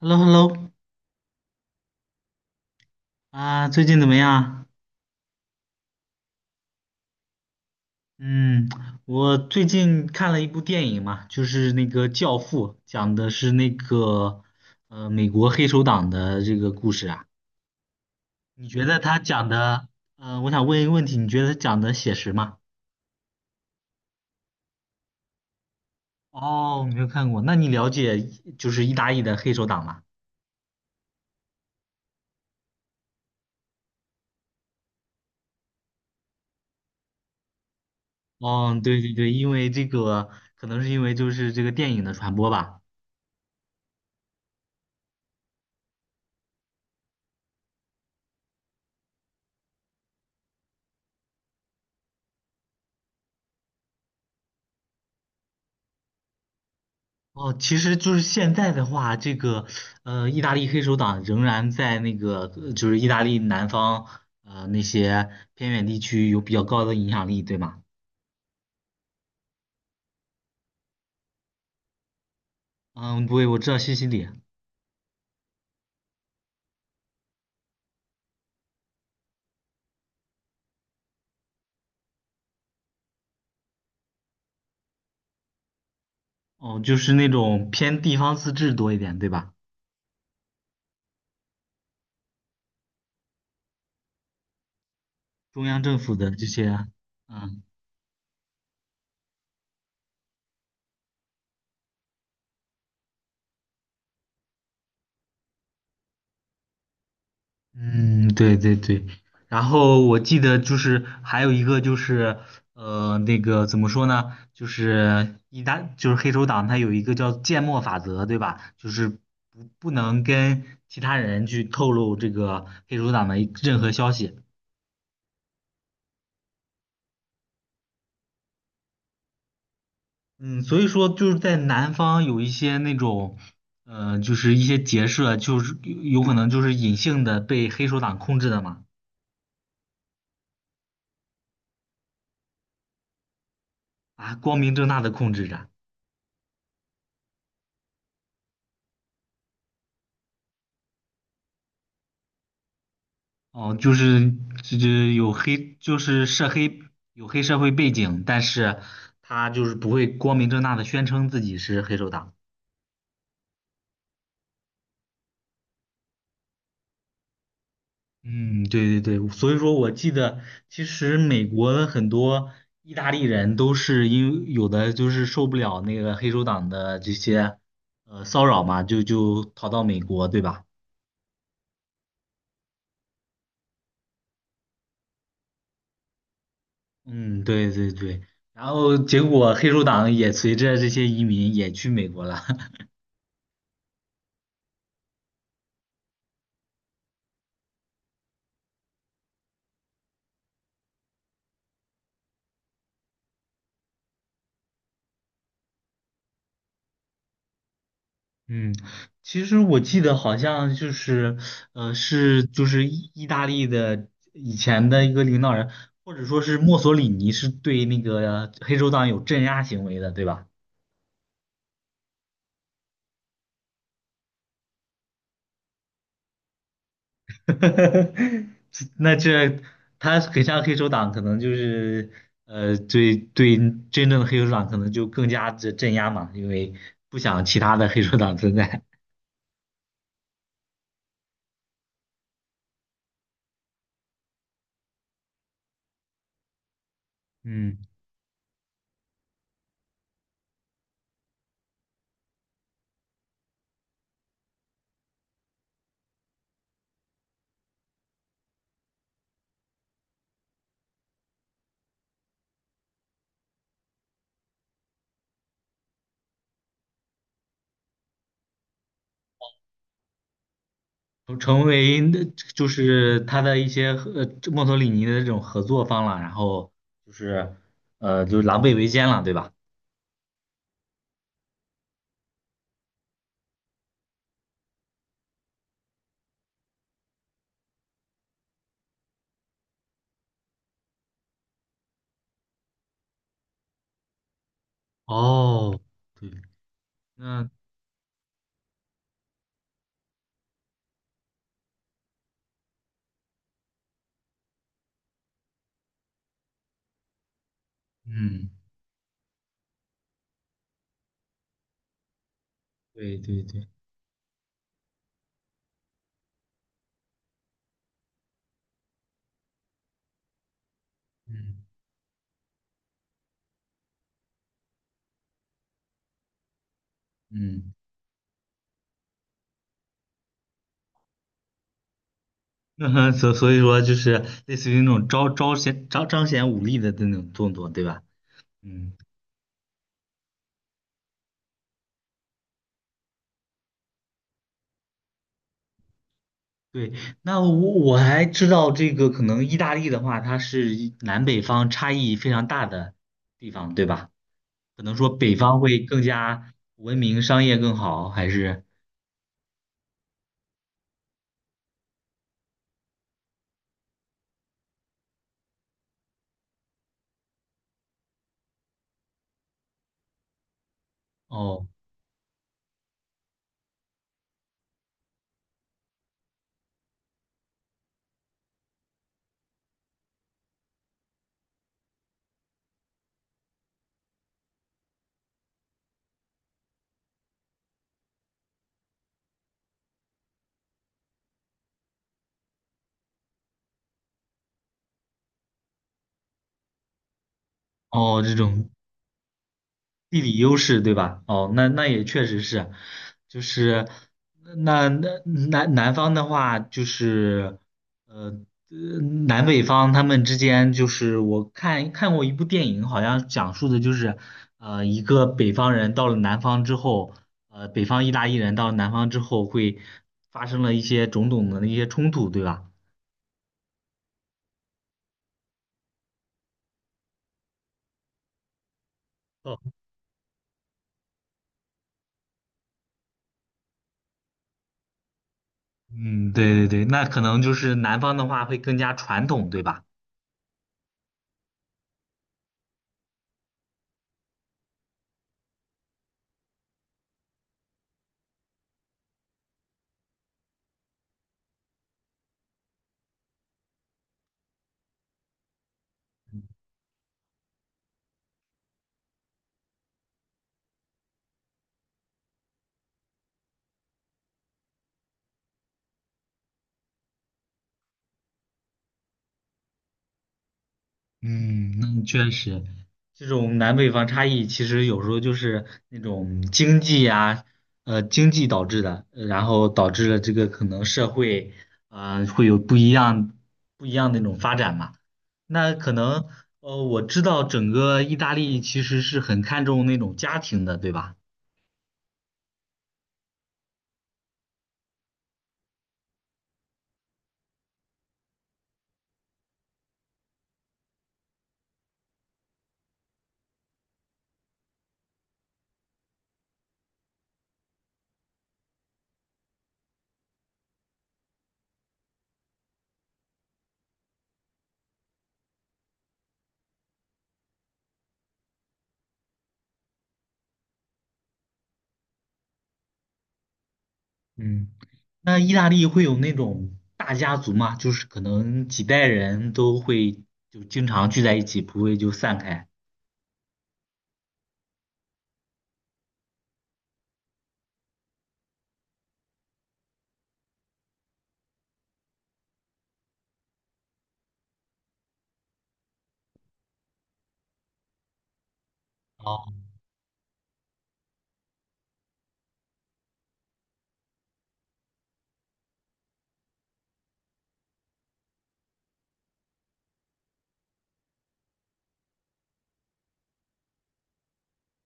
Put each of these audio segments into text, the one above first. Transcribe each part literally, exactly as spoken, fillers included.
Hello,Hello,啊，最近怎么样？嗯，我最近看了一部电影嘛，就是那个《教父》，讲的是那个呃美国黑手党的这个故事啊。你觉得他讲的，呃，我想问一个问题，你觉得他讲的写实吗？哦，没有看过，那你了解就是意大利的黑手党吗？哦，对对对，因为这个可能是因为就是这个电影的传播吧。哦，其实就是现在的话，这个呃，意大利黑手党仍然在那个呃就是意大利南方呃那些偏远地区有比较高的影响力，对吗？嗯，对，我知道西西里，哦，就是那种偏地方自治多一点，对吧？中央政府的这些，嗯。嗯，对对对，然后我记得就是还有一个就是呃那个怎么说呢，就是一旦就是黑手党它有一个叫缄默法则，对吧？就是不不能跟其他人去透露这个黑手党的任何消息。嗯，所以说就是在南方有一些那种呃就是一些结社，就是有有可能就是隐性的被黑手党控制的嘛，啊，光明正大的控制着。哦，就是这这有黑，就是涉黑有黑社会背景，但是他就是不会光明正大的宣称自己是黑手党。嗯，对对对，所以说我记得，其实美国的很多意大利人都是因为有的就是受不了那个黑手党的这些呃骚扰嘛，就就逃到美国，对吧？嗯，对对对，然后结果黑手党也随着这些移民也去美国了。嗯，其实我记得好像就是，呃，是就是意意大利的以前的一个领导人，或者说是墨索里尼是对那个黑手党有镇压行为的，对吧？那这他很像黑手党，可能就是呃，对对，真正的黑手党可能就更加的镇压嘛，因为不想其他的黑手党存在。嗯。成为那就是他的一些呃墨索里尼的这种合作方了，然后就是呃就狼狈为奸了，对吧？哦，对，那嗯，对对对，嗯嗯，那所所以说就是类似于那种招招显彰彰显武力的那种动作，对吧？嗯，对。那我我还知道这个可能意大利的话，它是一南北方差异非常大的地方，对吧？可能说北方会更加文明、商业更好，还是哦哦这种地理优势，对吧？哦，那那也确实是，就是那那南南方的话，就是呃呃南北方他们之间，就是我看看过一部电影，好像讲述的就是呃一个北方人到了南方之后，呃北方意大利人到了南方之后会发生了一些种种的那些冲突，对吧？到嗯，对对对，那可能就是南方的话会更加传统，对吧？嗯，那确实，这种南北方差异其实有时候就是那种经济呀、呃，经济导致的，呃然后导致了这个可能社会，呃，会有不一样不一样的那种发展嘛。那可能，呃，我知道整个意大利其实是很看重那种家庭的，对吧？嗯，那意大利会有那种大家族吗？就是可能几代人都会就经常聚在一起，不会就散开。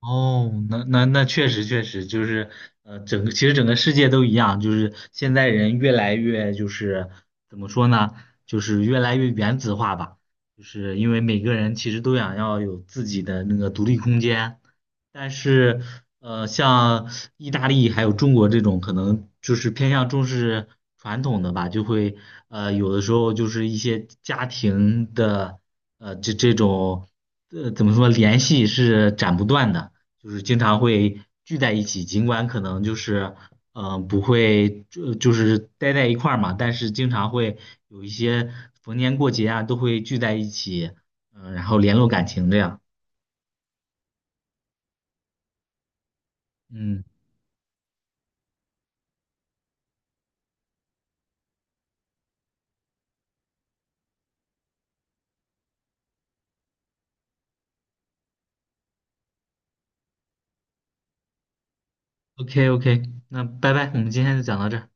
哦，那那那确实确实就是，呃，整个其实整个世界都一样，就是现在人越来越就是怎么说呢，就是越来越原子化吧，就是因为每个人其实都想要有自己的那个独立空间，但是呃，像意大利还有中国这种可能就是偏向重视传统的吧，就会呃有的时候就是一些家庭的呃这这种呃怎么说联系是斩不断的。就是经常会聚在一起，尽管可能就是嗯、呃不会就就是待在一块儿嘛，但是经常会有一些逢年过节啊都会聚在一起，嗯、然后联络感情这样。嗯，OK OK,那拜拜，我们今天就讲到这儿。